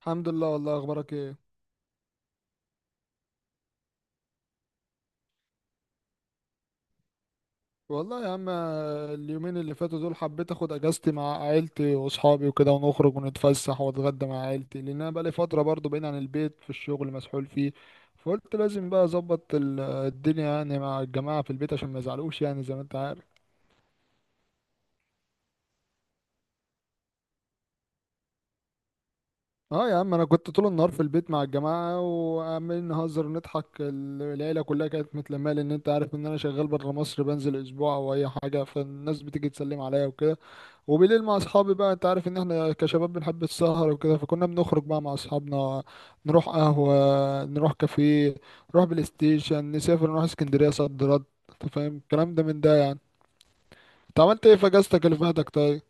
الحمد لله والله، اخبارك ايه؟ والله يا عم اليومين اللي فاتوا دول حبيت اخد اجازتي مع عيلتي واصحابي وكده ونخرج ونتفسح واتغدى مع عيلتي، لان انا بقالي فتره برضو بعيد عن البيت في الشغل مسحول فيه. فقلت لازم بقى اظبط الدنيا يعني مع الجماعه في البيت عشان ما يزعلوش يعني زي ما انت عارف. اه يا عم انا كنت طول النهار في البيت مع الجماعه وعمالين نهزر ونضحك، العيله كلها كانت متلمه لان انت عارف ان انا شغال بره مصر بنزل اسبوع او اي حاجه، فالناس بتيجي تسلم عليا وكده. وبالليل مع اصحابي بقى، انت عارف ان احنا كشباب بنحب السهر وكده، فكنا بنخرج بقى مع اصحابنا. نروح قهوة، نروح كافيه، نروح بلاي ستيشن، نسافر نروح اسكندرية صد رد. انت فاهم الكلام ده من ده يعني. انت عملت ايه في اجازتك اللي فاتك طيب؟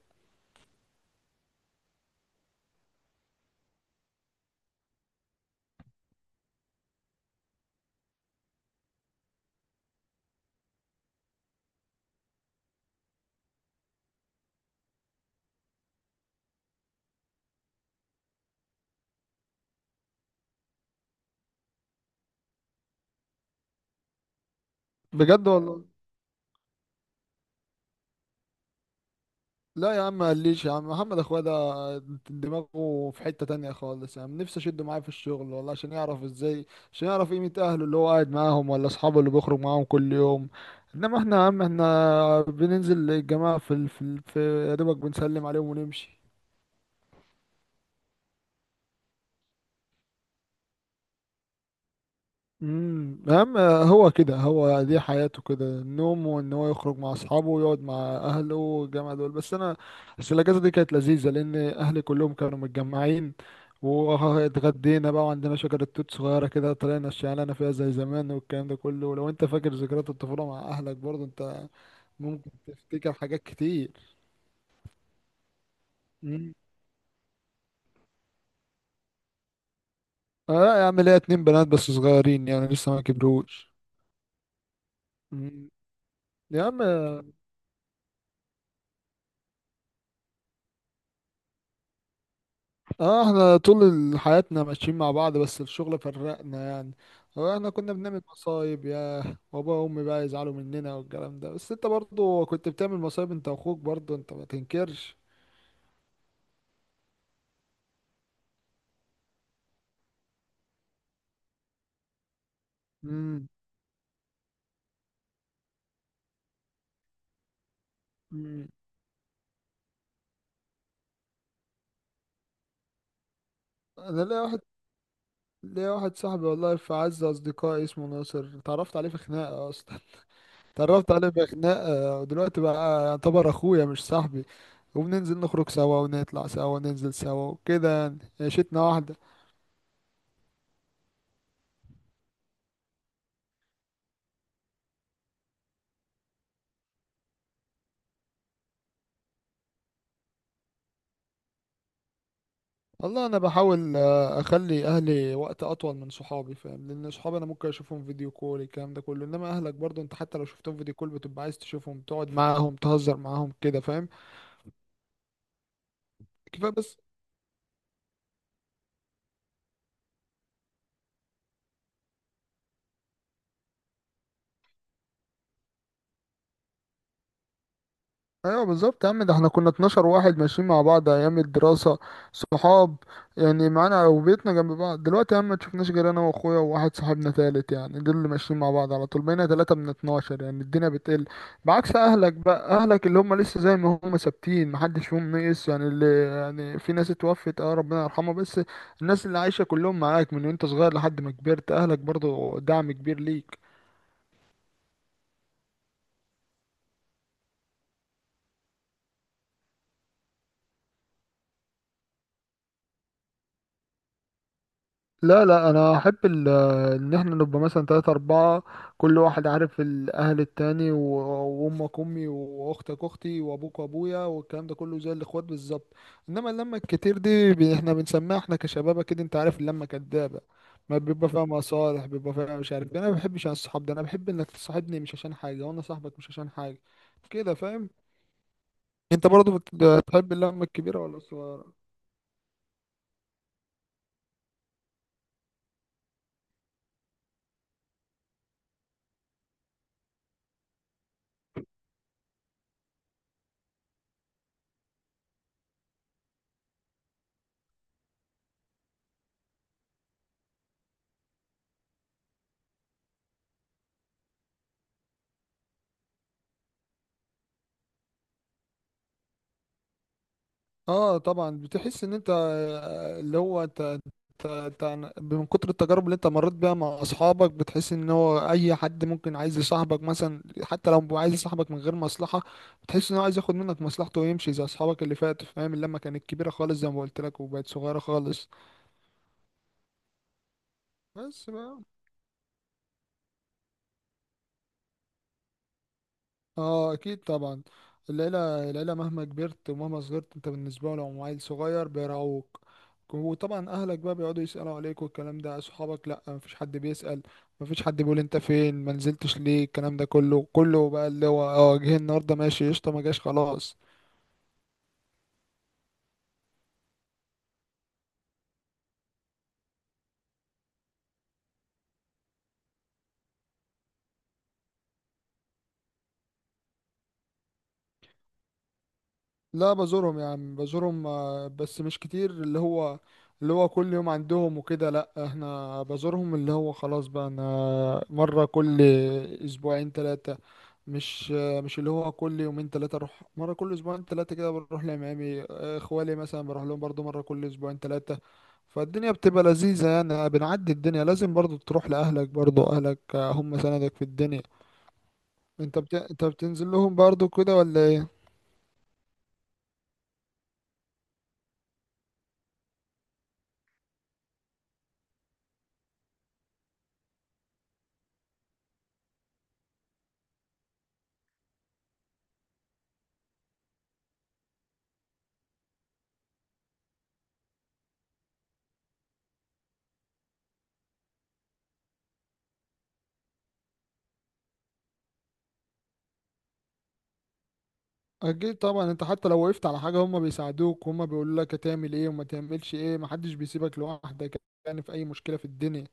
بجد والله؟ لا يا عم مقليش، يا عم محمد اخويا ده دماغه في حتة تانية خالص، يا عم نفسي اشده معايا في الشغل والله عشان يعرف ازاي، عشان يعرف قيمة اهله اللي هو قاعد معاهم ولا اصحابه اللي بيخرج معاهم كل يوم. انما احنا يا عم احنا بننزل الجماعة، في يا دوبك بنسلم عليهم ونمشي. امم. اهم. هو كده، هو دي حياته كده، النوم وان هو يخرج مع اصحابه ويقعد مع اهله والجامعه دول. بس الاجازه دي كانت لذيذه لان اهلي كلهم كانوا متجمعين. واتغدينا بقى، وعندنا شجره توت صغيره كده طلعنا الشعلانه فيها زي زمان والكلام ده كله. ولو انت فاكر ذكريات الطفوله مع اهلك برضه انت ممكن تفتكر حاجات كتير. امم. اه يا عم ليا اتنين بنات بس صغيرين يعني لسه ما كبروش. مم. يا عم اه احنا طول حياتنا ماشيين مع بعض، بس الشغل فرقنا يعني. هو احنا كنا بنعمل مصايب، يا بابا وامي بقى يزعلوا مننا والكلام ده، بس انت برضو كنت بتعمل مصايب انت واخوك، برضو انت ما تنكرش. امم. امم. انا ليا واحد صاحبي والله في اعز اصدقائي اسمه ناصر، اتعرفت عليه في خناقه اصلا. اتعرفت عليه في خناقه ودلوقتي بقى يعتبر اخويا مش صاحبي، وبننزل نخرج سوا ونطلع سوا وننزل سوا وكده يعني عيشتنا واحده. والله انا بحاول اخلي اهلي وقت اطول من صحابي، فاهم، لان صحابي انا ممكن اشوفهم فيديو كول الكلام ده كله، انما اهلك برضو انت حتى لو شفتهم فيديو كول بتبقى عايز تشوفهم، تقعد معاهم، تهزر معاهم كده، فاهم. كفايه بس. ايوه بالظبط يا عم، ده احنا كنا 12 واحد ماشيين مع بعض ايام الدراسه، صحاب يعني، معانا وبيتنا جنب بعض. دلوقتي يا عم ما تشوفناش غير انا واخويا وواحد صاحبنا تالت يعني، دول اللي ماشيين مع بعض على طول، بقينا تلاتة من 12 يعني الدنيا بتقل. بعكس اهلك بقى، اهلك اللي هم لسه زي ما هم ثابتين، محدش فيهم نقص يعني، اللي يعني في ناس اتوفت، اه ربنا يرحمها، بس الناس اللي عايشه كلهم معاك من وانت صغير لحد ما كبرت، اهلك برضو دعم كبير ليك. لا، لا انا احب ان احنا نبقى مثلا تلاتة اربعة، كل واحد عارف الاهل التاني وامك امي واختك اختي وابوك وابويا والكلام ده كله، زي الاخوات بالظبط. انما اللمة الكتير دي، احنا بنسميها احنا كشباب كده، انت عارف اللمة كدابة، ما بيبقى فيها مصالح، بيبقى فيها مش عارف إيه. انا ما بحبش انا الصحاب ده، انا بحب انك تصاحبني مش عشان حاجة، وانا صاحبك مش عشان حاجة، كده فاهم. انت برضو بتحب اللمة الكبيرة ولا الصغيرة؟ اه طبعا، بتحس ان انت اللي هو انت من كتر التجارب اللي انت مريت بيها مع اصحابك، بتحس ان هو اي حد ممكن عايز يصاحبك مثلا، حتى لو هو عايز يصاحبك من غير مصلحة، بتحس ان هو عايز ياخد منك مصلحته ويمشي زي اصحابك اللي فاتوا، فاهم. اللمة كانت كبيرة خالص زي ما قلت لك وبقت صغيرة خالص. بس بقى. اه اكيد طبعا. العيله، العيله مهما كبرت ومهما صغرت انت بالنسبه لهم عيل صغير بيراعوك. وطبعا اهلك بقى بيقعدوا يسالوا عليك والكلام ده، اصحابك لا مفيش حد بيسال، مفيش حد بيقول انت فين، ما نزلتش ليه، الكلام ده كله، كله بقى اللي هو اه جه النهارده ماشي قشطه، ما جاش خلاص. لا بزورهم يا عم بزورهم، بس مش كتير، اللي هو اللي هو كل يوم عندهم وكده لا، احنا بزورهم اللي هو خلاص بقى انا مرة كل اسبوعين ثلاثة، مش مش اللي هو كل يومين ثلاثة، اروح مرة كل اسبوعين ثلاثة كده، بروح لعمامي، اخوالي مثلا بروح لهم برضو مرة كل اسبوعين ثلاثة. فالدنيا بتبقى لذيذة يعني بنعدي الدنيا، لازم برضو تروح لأهلك، برضو أهلك هم سندك في الدنيا. انت بتنزل لهم برضو كده ولا ايه؟ اكيد طبعا، انت حتى لو وقفت على حاجه هم بيساعدوك، وهم بيقولوا لك هتعمل ايه وما تعملش ايه، محدش بيسيبك لوحدك يعني في اي مشكله في الدنيا.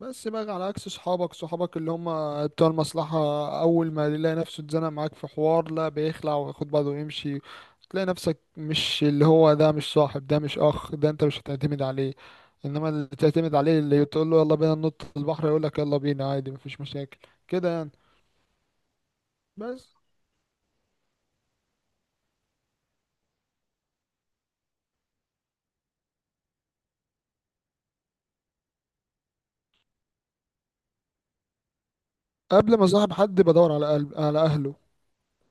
بس بقى على عكس صحابك، صحابك اللي هم بتوع المصلحه اول ما يلاقي نفسه اتزنق معاك في حوار لا بيخلع وياخد بعضه ويمشي، تلاقي نفسك مش اللي هو، ده مش صاحب، ده مش اخ، ده انت مش هتعتمد عليه. انما اللي تعتمد عليه اللي تقول له يلا بينا ننط البحر يقول لك يلا بينا عادي مفيش مشاكل، كده يعني. بس قبل ما صاحب حد بدور على قلب، على اهله،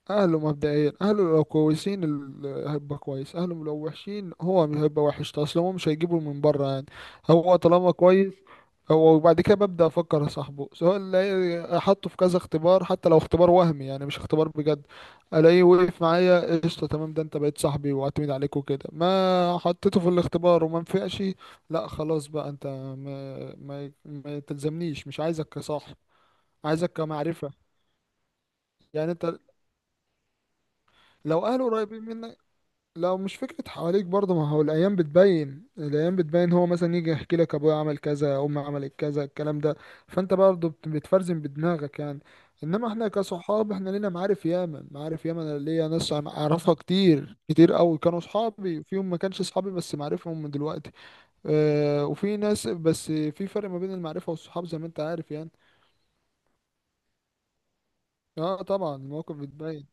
اهله مبدئيا، اهله لو كويسين هيبقى كويس، اهله لو وحشين هو مش هيبقى وحش اصلا، هو مش هيجيبه من بره يعني. هو طالما كويس هو، وبعد كده ببدأ افكر صاحبه، سواء الاقي، حطه في كذا اختبار حتى لو اختبار وهمي يعني مش اختبار بجد. الاقيه وقف معايا قشطه تمام، ده انت بقيت صاحبي واعتمد عليك وكده. ما حطيته في الاختبار وما نفعش، لا خلاص بقى انت ما تلزمنيش، مش عايزك كصاحب، عايزك كمعرفة. يعني انت لو اهله قريبين منك، لو مش فكرة حواليك برضه، ما هو الأيام بتبين، الأيام بتبين، هو مثلا يجي يحكي لك أبويا عمل كذا، أمي عملت كذا، الكلام ده، فأنت برضه بتفرزن بدماغك يعني. إنما إحنا كصحاب، إحنا لينا معارف ياما، معارف ياما، أنا ليا ناس أعرفها كتير كتير أوي، كانوا صحابي فيهم، ما كانش صحابي بس معرفهم من دلوقتي. آه وفي ناس، بس في فرق ما بين المعرفة والصحاب زي ما أنت عارف يعني. آه طبعا المواقف بتبين.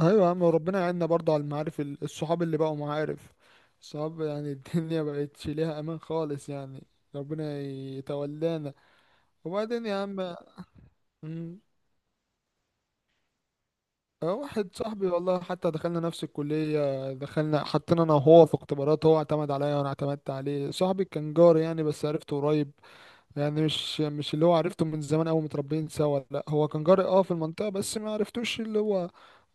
ايوه يا عم، وربنا يعيننا برضه على المعارف، الصحاب اللي بقوا معارف صحاب يعني. الدنيا مبقتش ليها امان خالص يعني. ربنا يتولانا. وبعدين يا عم. مم. واحد صاحبي والله، حتى دخلنا نفس الكلية، دخلنا حطينا انا وهو في اختبارات، هو اعتمد عليا وانا اعتمدت عليه. صاحبي كان جاري يعني، بس عرفته قريب يعني، مش مش اللي هو عرفته من زمان قوي متربيين سوا لا، هو كان جاري اه في المنطقة بس ما عرفتوش، اللي هو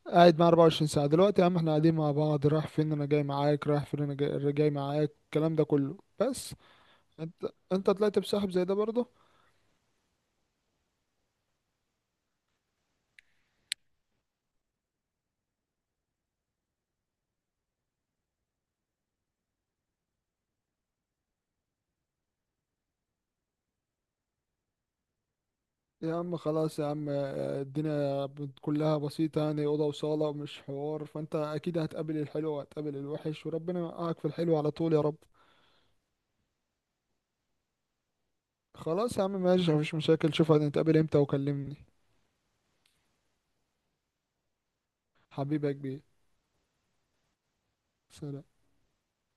قاعد معاه 24 ساعة. دلوقتي يا عم احنا قاعدين مع بعض، رايح فين انا جاي معاك، رايح فين انا جاي معاك، الكلام ده كله. بس انت، انت طلعت بسحب زي ده برضه. يا عم خلاص يا عم الدنيا كلها بسيطة يعني، أوضة وصالة مش حوار، فانت أكيد هتقابل الحلو وهتقابل الوحش، وربنا يوقعك في الحلو على طول يا رب. خلاص يا عم ماشي مفيش مشاكل، شوف هنتقابل امتى وكلمني. حبيبي يا كبير. سلام.